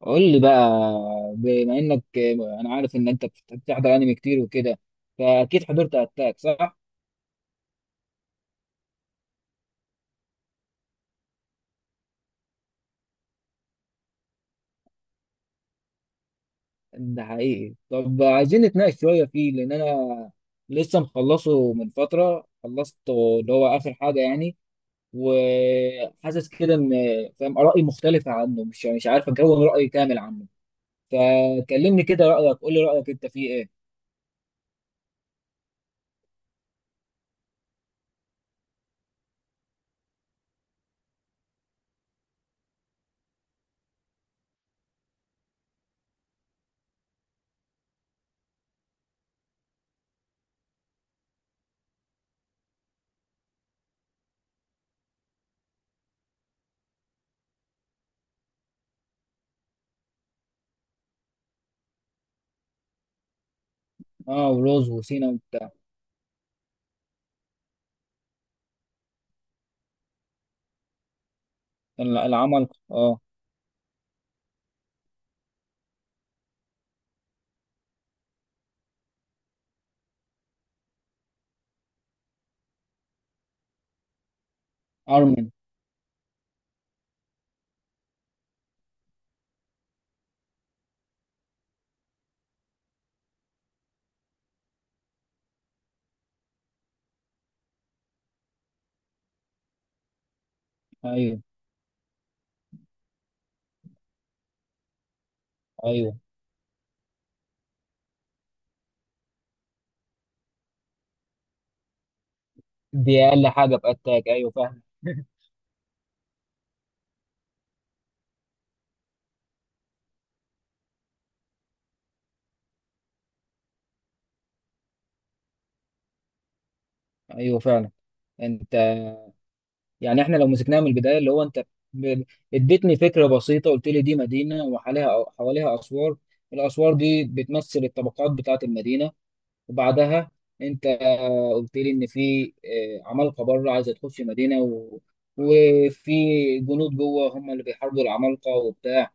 قول لي بقى، بما انك انا عارف ان انت بتحضر انمي كتير وكده، فاكيد حضرت اتاك، صح؟ ده حقيقي. طب عايزين نتناقش شويه فيه، لان انا لسه مخلصه من فتره، خلصته اللي هو اخر حاجه يعني. وحاسس كده ان فاهم ارائي مختلفه عنه، مش عارف اكون راي كامل عنه. فكلمني كده رايك، قول لي رايك انت فيه ايه؟ اه، وروز وسينا وبتاع. العمل، اه. ارمن. ايوه، ايوه، دي اقل حاجه في اتاك، ايوه فعلا ايوه فعلا. انت يعني احنا لو مسكناها من البدايه، اللي هو ب- اديتني فكره بسيطه، قلت لي دي مدينه وحواليها حواليها اسوار، الاسوار دي بتمثل الطبقات بتاعه المدينه. وبعدها انت قلت لي ان في عمالقه بره عايزه تخش مدينه وفي جنود جوه هم اللي بيحاربوا العمالقه وبتاع.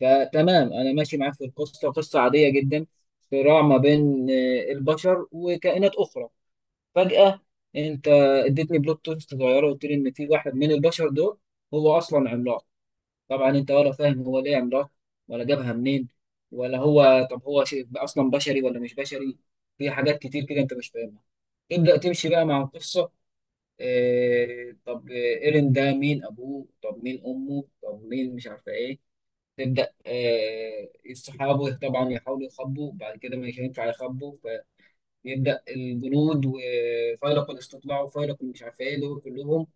فتمام، انا ماشي معاك في القصه، قصه عاديه جدا، صراع ما بين البشر وكائنات اخرى. فجأة انت اديتني بلوت توست صغيره وقلت لي ان في واحد من البشر دول هو اصلا عملاق. طبعا انت ولا فاهم هو ليه عملاق، ولا جابها منين، ولا هو طب هو شيء اصلا بشري ولا مش بشري. في حاجات كتير كده انت مش فاهمها. تبدأ تمشي بقى مع القصة، إيه طب ايرين ده، مين ابوه، طب مين امه، طب مين مش عارفه ايه. تبدأ، إيه صحابه طبعا يحاولوا يخبوا، بعد كده مش هينفع يخبوا. يبدأ الجنود وفيلق الاستطلاع وفيلق مش عارف ايه دول كلهم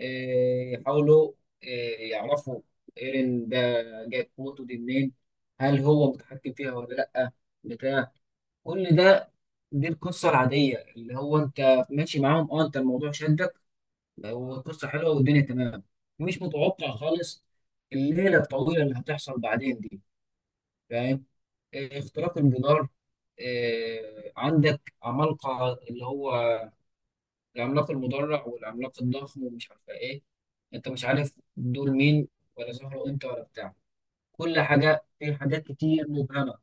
يحاولوا آه، يعرفوا ايرين ده جايب قوته دي منين، هل هو متحكم فيها ولا لأ، بتاع. كل ده دي القصة العادية، اللي هو انت ماشي معاهم، اه انت الموضوع شدك والقصة حلوة والدنيا تمام. مش متوقع خالص الليلة الطويلة اللي هتحصل بعدين دي، فاهم. اختراق الجدار، عندك عمالقة، اللي هو العملاق المدرع والعملاق الضخم ومش عارفه ايه. انت مش عارف دول مين ولا ظهروا امتى ولا بتاع. كل حاجه، في حاجات كتير مبهمه.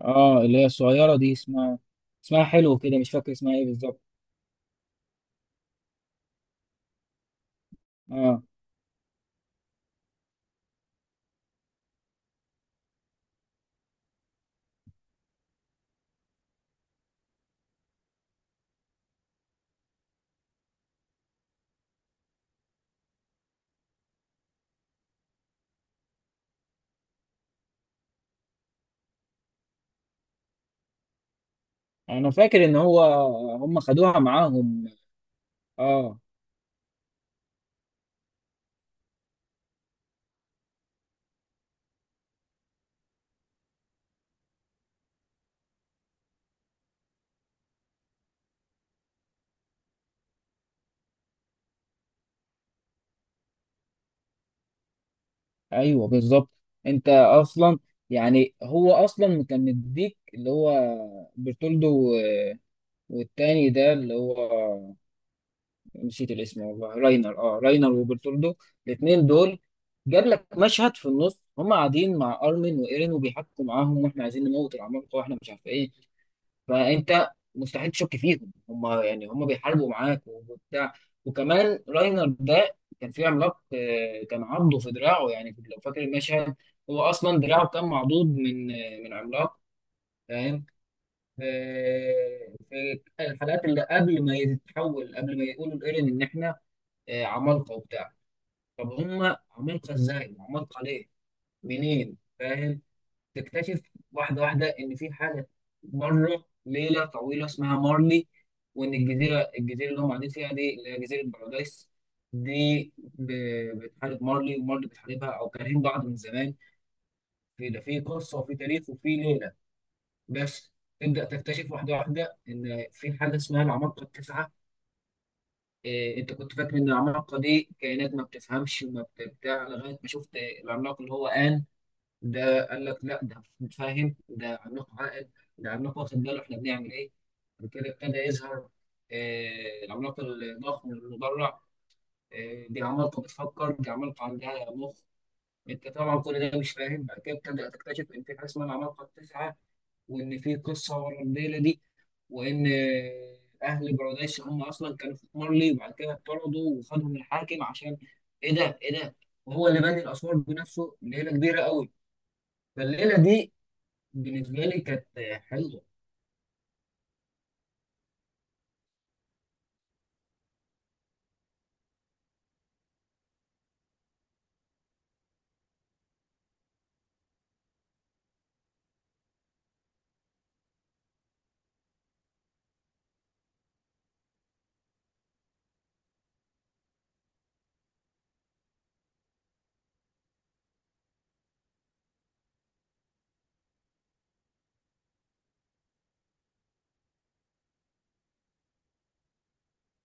اه اللي هي الصغيرة دي، اسمها، اسمها حلو كده مش فاكر اسمها ايه بالظبط. اه. انا فاكر ان هو هم خدوها معاهم. اه، ايوه بالظبط. انت اصلا يعني هو اصلا كان مديك اللي هو برتولدو، والتاني ده اللي هو، نسيت الاسم والله، راينر، اه راينر وبرتولدو. الاثنين دول جاب لك مشهد في النص هم قاعدين مع ارمن وايرين وبيحكوا معاهم، واحنا عايزين نموت العمالقه واحنا مش عارف ايه. فانت مستحيل تشك فيهم، هم يعني هم بيحاربوا معاك وبتاع. وكمان راينر ده كان في عملاق كان عضه في دراعه، يعني لو فاكر المشهد، هو اصلا دراعه كان معضود من من عملاق، فاهم. في الحلقات اللي قبل ما يتحول، قبل ما يقولوا لإيرين ان احنا عمالقة وبتاع. طب هم عمالقة ازاي وعمالقة ليه، منين، فاهم. تكتشف واحدة واحدة ان في حاجة بره ليلة طويلة اسمها مارلي، وان الجزيرة اللي هم قاعدين فيها دي اللي هي جزيرة بارادايس، دي بتحارب مارلي ومارلي بتحاربها، او كارهين بعض من زمان، في ده، في قصة وفي تاريخ وفي ليلة. بس تبدأ تكتشف واحدة واحدة ان في حاجة اسمها العمالقة التسعة. إيه، انت كنت فاكر ان العمالقه دي كائنات ما بتفهمش وما بتاع، لغايه ما شفت العملاق اللي هو آن، ده قال لك لا ده متفاهم، ده عملاق عاقل، ده عملاق واخد باله احنا بنعمل ايه. وكده ابتدى يظهر العملاق الضخم المدرع، دي عمالقه بتفكر، دي عمالقه عندها مخ. انت طبعا كل ده مش فاهم. بعد كده بتبدا تكتشف ان في حاجه اسمها العمالقه التسعه، وان في قصه ورا الليله دي، وان اهل بارادايس هم اصلا كانوا في مارلي، وبعد كده اطردوا وخدهم الحاكم عشان ايه ده، ايه ده. وهو اللي بني الاسوار بنفسه، ليله كبيره قوي. فالليله دي بالنسبه لي كانت حلوه.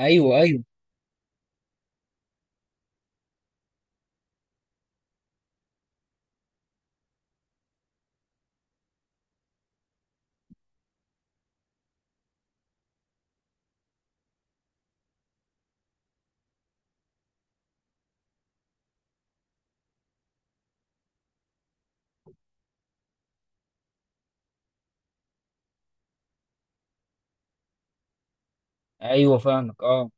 ايوه، ايوه. ايوه فاهمك، اه.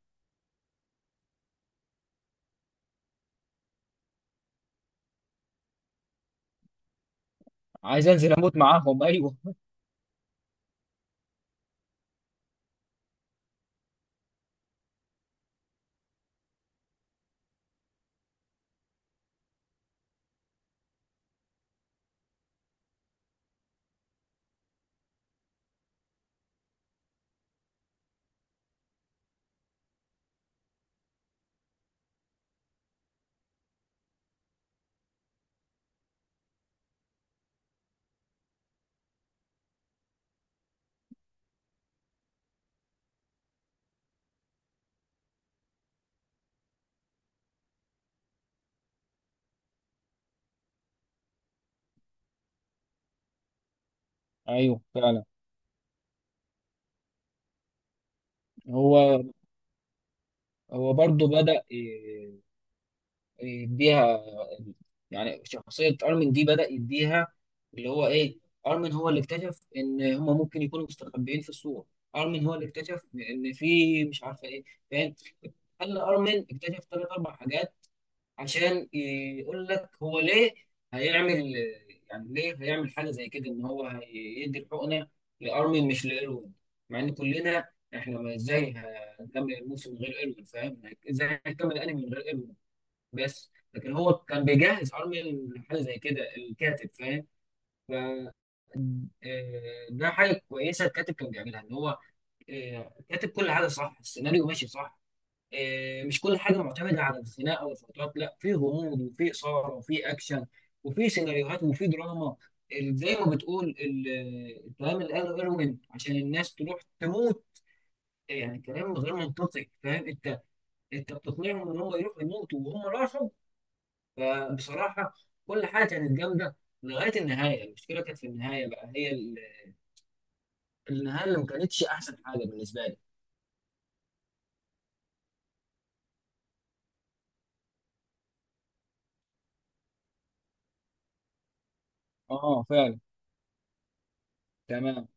عايز انزل اموت معاهم، ايوه. ايوه فعلا. هو هو برضه بدأ يديها، يعني شخصية أرمن دي بدأ يديها، اللي هو إيه، أرمن هو اللي اكتشف إن هما ممكن يكونوا مستخبيين في السور، أرمن هو اللي اكتشف إن في مش عارفة إيه، فاهم. خلى أرمن اكتشف تلات أربع حاجات، عشان يقول لك هو ليه هيعمل، يعني ليه هيعمل حاجة زي كده إن هو هيدي الحقنة لأرمن مش لإيروين، مع إن كلنا، إحنا ما إزاي هنكمل الموسم من غير إيروين، فاهم، إزاي هنكمل الأنمي من غير إيروين. بس لكن هو كان بيجهز ارميا لحاجه زي كده، الكاتب، فاهم. ف ده حاجه كويسه الكاتب كان بيعملها، ان هو كاتب كل حاجه صح، السيناريو ماشي صح، مش كل حاجه معتمده على الخناقه والفترات، لا، في غموض وفي اثاره وفي اكشن وفي سيناريوهات وفي دراما. زي ما بتقول الكلام اللي قاله ايروين عشان الناس تروح تموت، يعني كلام غير منطقي فاهم انت، انت بتقنعهم ان هم يروحوا يموتوا وهم راحوا. فبصراحة كل حاجة كانت جامدة لغاية النهاية. المشكلة كانت في النهاية بقى، هي النهاية اللي ما كانتش أحسن حاجة بالنسبة لي. اه فعلا. تمام.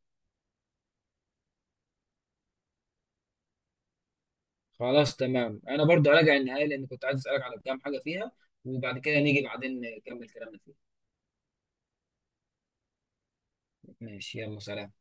خلاص تمام، انا برضو راجع النهايه لان كنت عايز اسالك على كام حاجه فيها، وبعد كده نيجي بعدين نكمل كلامنا فيها. ماشي، يلا سلام.